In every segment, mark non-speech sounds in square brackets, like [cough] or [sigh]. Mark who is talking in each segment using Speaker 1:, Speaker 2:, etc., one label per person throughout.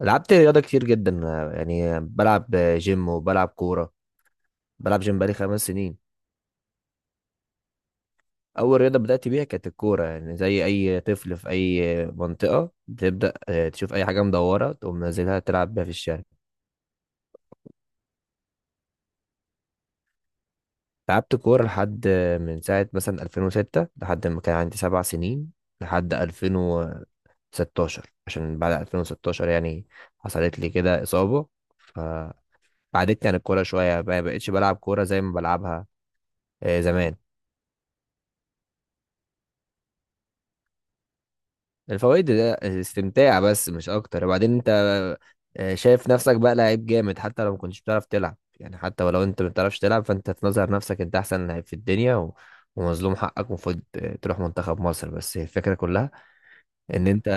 Speaker 1: لعبت رياضة كتير جدا، يعني بلعب جيم وبلعب كورة. بلعب جيم بقالي 5 سنين. أول رياضة بدأت بيها كانت الكورة، يعني زي أي طفل في أي منطقة بتبدأ، تشوف أي حاجة مدورة تقوم نازلها تلعب بيها في الشارع. لعبت كورة لحد من ساعة مثلا 2006، لحد ما كان عندي 7 سنين، لحد 2016. عشان بعد 2016 يعني حصلت لي كده إصابة فبعدتني عن الكورة شوية، ما بقتش بلعب كورة زي ما بلعبها زمان. الفوائد ده استمتاع بس مش اكتر، وبعدين انت شايف نفسك بقى لعيب جامد، حتى لو ما كنتش بتعرف تلعب، يعني حتى ولو انت ما بتعرفش تلعب فانت تنظر نفسك انت احسن لعيب في الدنيا و... ومظلوم حقك، المفروض تروح منتخب مصر. بس هي الفكرة كلها ان انت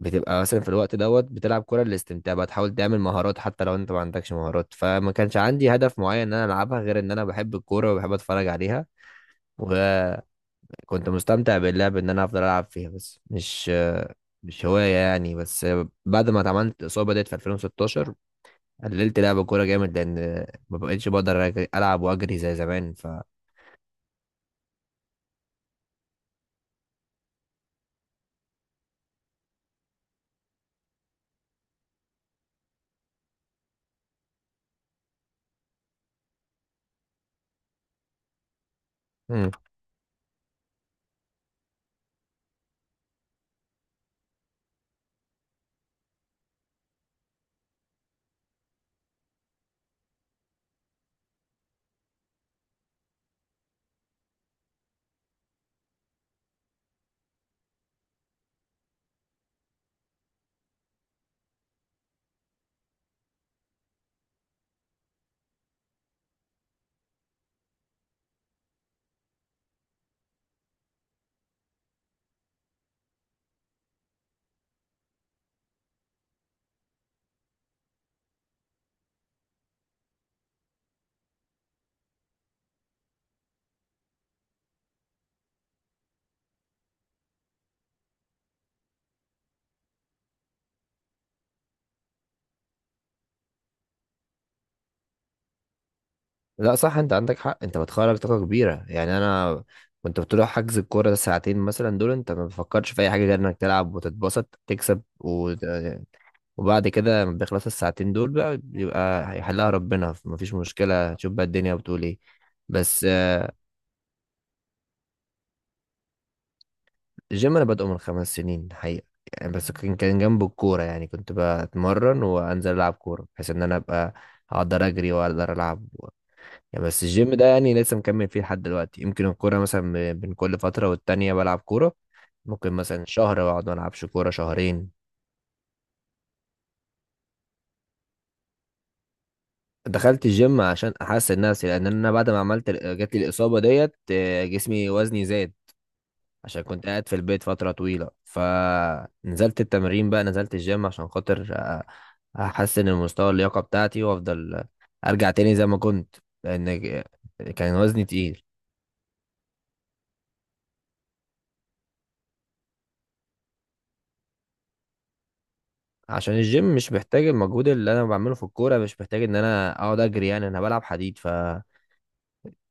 Speaker 1: بتبقى مثلا في الوقت دوت بتلعب كرة للاستمتاع، بقى تحاول تعمل مهارات حتى لو انت ما عندكش مهارات، فما كانش عندي هدف معين ان انا العبها غير ان انا بحب الكورة وبحب اتفرج عليها. كنت مستمتع باللعب ان انا افضل العب فيها، بس مش هواية يعني. بس بعد ما اتعملت اصابة ديت في 2016 قللت لعب الكورة جامد، لان ما بقتش بقدر العب واجري زي زمان مم. لا صح، انت عندك حق، انت بتخرج طاقة كبيرة. يعني انا كنت بتروح حجز الكورة ده ساعتين، مثلا دول انت ما بتفكرش في اي حاجة غير انك تلعب وتتبسط تكسب. وبعد كده لما بيخلص الساعتين دول بقى، بيبقى هيحلها ربنا، مفيش مشكلة، تشوف بقى الدنيا بتقول ايه. بس الجيم انا بادئه من 5 سنين حقيقة، يعني بس كان جنب الكورة، يعني كنت بتمرن وانزل العب كورة بحيث ان انا ابقى اقدر اجري واقدر العب. يعني بس الجيم ده يعني لسه مكمل فيه لحد دلوقتي، يمكن الكورة مثلا بين كل فترة والتانية بلعب كورة، ممكن مثلا شهر واقعد ما العبش كورة شهرين. دخلت الجيم عشان احسن نفسي، لان انا بعد ما عملت جات لي الاصابة ديت، جسمي وزني زاد، عشان كنت قاعد في البيت فترة طويلة، فنزلت التمرين بقى، نزلت الجيم عشان خاطر أ- أحسن المستوى اللياقة بتاعتي وأفضل أرجع تاني زي ما كنت، لأن ج- كان وزني تقيل. عشان الجيم مش محتاج المجهود اللي أنا بعمله في الكورة، مش محتاج إن أنا أقعد أجري، يعني أنا بلعب حديد ف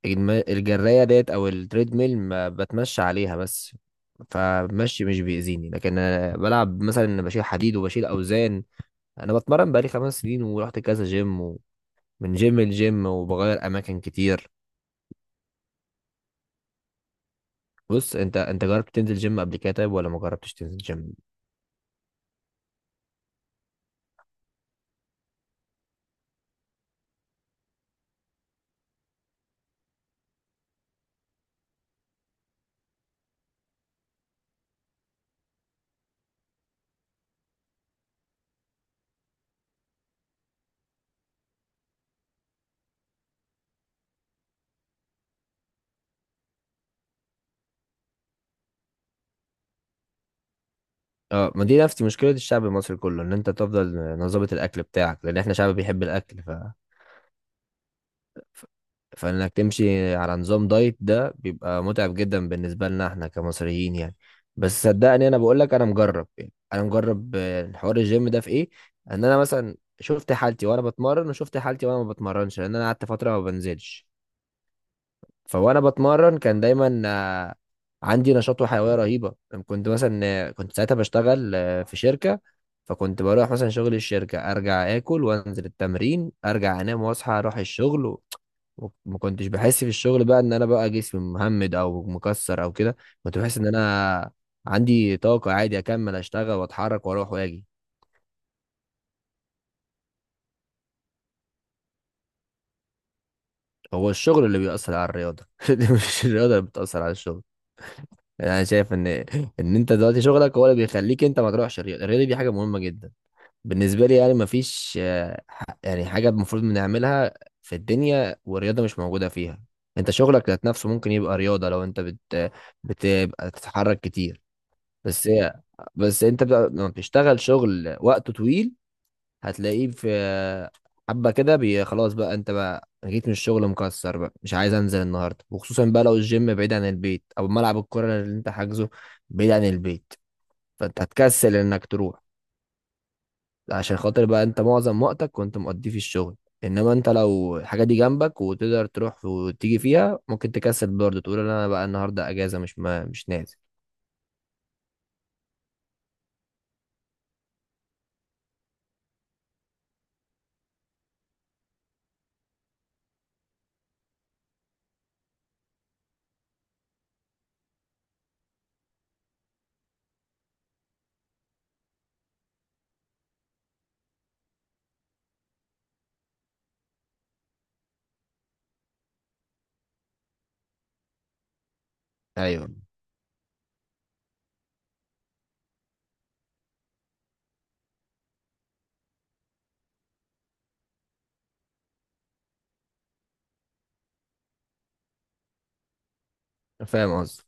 Speaker 1: الجراية ديت أو التريد ميل ما بتمشى عليها بس، فمشي مش بيأذيني، لكن أنا بلعب مثلا، أنا بشيل حديد وبشيل أوزان. أنا بتمرن بقالي 5 سنين ورحت كذا جيم، من جيم لجيم، وبغير اماكن كتير. بص، انت جربت تنزل جيم قبل كده؟ طيب، ولا ما جربتش تنزل جيم؟ اه، ما دي نفس مشكله الشعب المصري كله، ان انت تفضل نظبط الاكل بتاعك لان احنا شعب بيحب الاكل، ف... فانك تمشي على نظام دايت ده بيبقى متعب جدا بالنسبه لنا احنا كمصريين يعني. بس صدقني انا بقول لك، انا مجرب، يعني انا مجرب، حوار الجيم ده في ايه. ان انا مثلا شفت حالتي وانا بتمرن، وشفت حالتي وانا ما بتمرنش، لان انا قعدت فتره ما بنزلش. فوانا بتمرن كان دايما عندي نشاط وحيويه رهيبه. كنت مثلا، كنت ساعتها بشتغل في شركه، فكنت بروح مثلا شغل الشركه، ارجع اكل وانزل التمرين، ارجع انام واصحى اروح الشغل. وما كنتش بحس في الشغل بقى ان انا بقى جسمي مهمد او مكسر او كده، كنت بحس ان انا عندي طاقه عادي اكمل اشتغل واتحرك واروح واجي. هو الشغل اللي بيأثر على الرياضه [laughs] مش الرياضه اللي بتأثر على الشغل. يعني انا شايف ان انت دلوقتي شغلك هو اللي بيخليك انت ما تروحش الرياضه. الرياضه دي حاجه مهمه جدا بالنسبه لي، يعني ما فيش، يعني حاجه المفروض بنعملها في الدنيا والرياضه مش موجوده فيها. انت شغلك ذات نفسه ممكن يبقى رياضه لو انت بتبقى تتحرك كتير. بس هي بس انت بقى- لما بتشتغل شغل وقته طويل هتلاقيه في حبة كده، خلاص بقى، انت بقى جيت من الشغل مكسر بقى، مش عايز انزل النهارده، وخصوصا بقى لو الجيم بعيد عن البيت او ملعب الكرة اللي انت حاجزه بعيد عن البيت، فانت هتكسل انك تروح. عشان خاطر بقى انت معظم وقتك كنت مقضيه في الشغل، انما انت لو الحاجة دي جنبك وتقدر تروح وتيجي فيها، ممكن تكسل برضه، تقول انا بقى النهارده اجازة، مش نازل. ايوه، فاهم قصدي.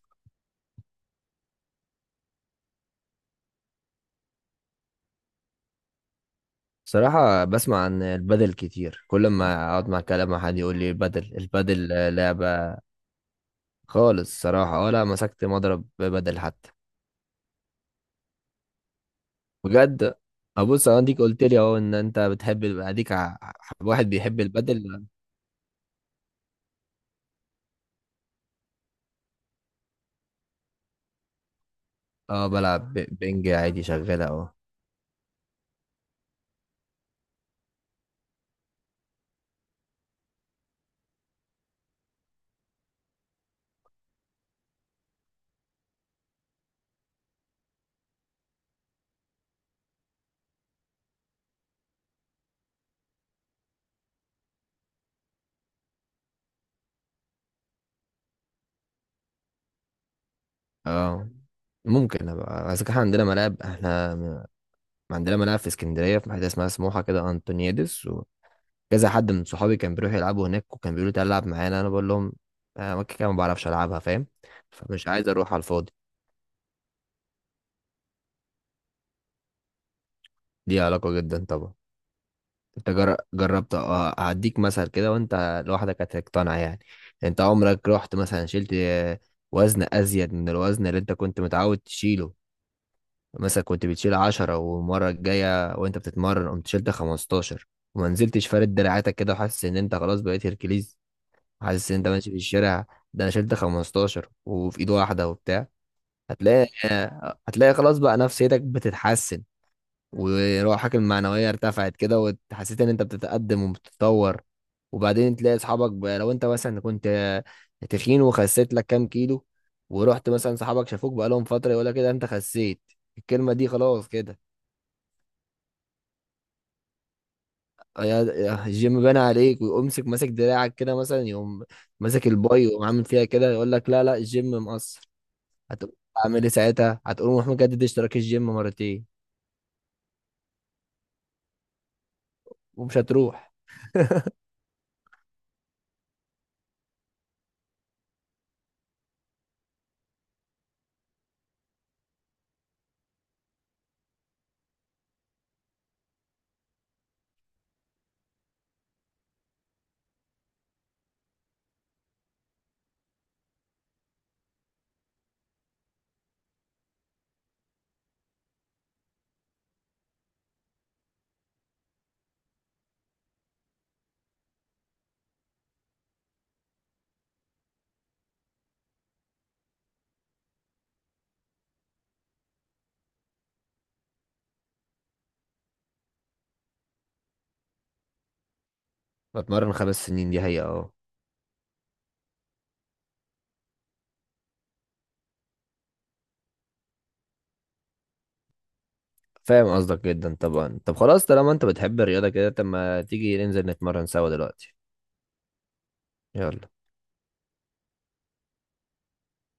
Speaker 1: صراحة بسمع عن البدل كتير، كل ما اقعد مع كلام مع حد يقول لي البدل، البدل لعبة، خالص صراحة ولا مسكت مضرب بدل حتى. بجد، ابص انا ديك قلت لي اهو ان انت بتحب واحد بيحب البدل. اه، بلعب بنج عادي شغالة اهو. اه، ممكن ابقى، بس احنا عندنا ملاعب، عندنا ملاعب في اسكندرية، في حتة اسمها سموحة كده انطونيادس. كذا حد من صحابي كان بيروح يلعبوا هناك، وكان بيقولوا تعالى العب معانا، انا بقول لهم: انا مكة كده ما بعرفش العبها"، فاهم؟ فمش عايز اروح على الفاضي. دي علاقة جدا طبعا. انت جربت، هديك مثل كده وانت لوحدك هتقتنع يعني. انت عمرك رحت مثلا شلت وزن ازيد من الوزن اللي انت كنت متعود تشيله؟ مثلا كنت بتشيل 10، والمرة الجاية وانت بتتمرن قمت شلت 15، وما نزلتش فارد دراعاتك كده وحاسس ان انت خلاص بقيت هيركليز، حاسس ان انت ماشي في الشارع، ده انا شلت 15 وفي ايد واحده وبتاع، هتلاقي [laughs] هتلاقي خلاص بقى نفسيتك بتتحسن، وروحك المعنويه ارتفعت كده، وحسيت ان انت بتتقدم وبتتطور. وبعدين تلاقي اصحابك بقى، لو انت مثلا كنت تخين وخسيت لك كام كيلو، ورحت مثلا صحابك شافوك بقى لهم فتره، يقول لك كده انت خسيت، الكلمه دي خلاص كده. يا الجيم بان عليك، ويقوم مسك ماسك دراعك كده مثلا، يقوم ماسك الباي ويقوم عامل فيها كده، يقول لك لا لا، الجيم مقصر، هتقول اعمل ايه ساعتها، هتقول روح مجدد اشتراك الجيم مرتين، ومش هتروح. بتمرن 5 سنين دي حقيقة، اه. فاهم قصدك جدا طبعا، طب خلاص، طالما انت بتحب الرياضة كده، طب ما تيجي ننزل نتمرن سوا دلوقتي. يلا.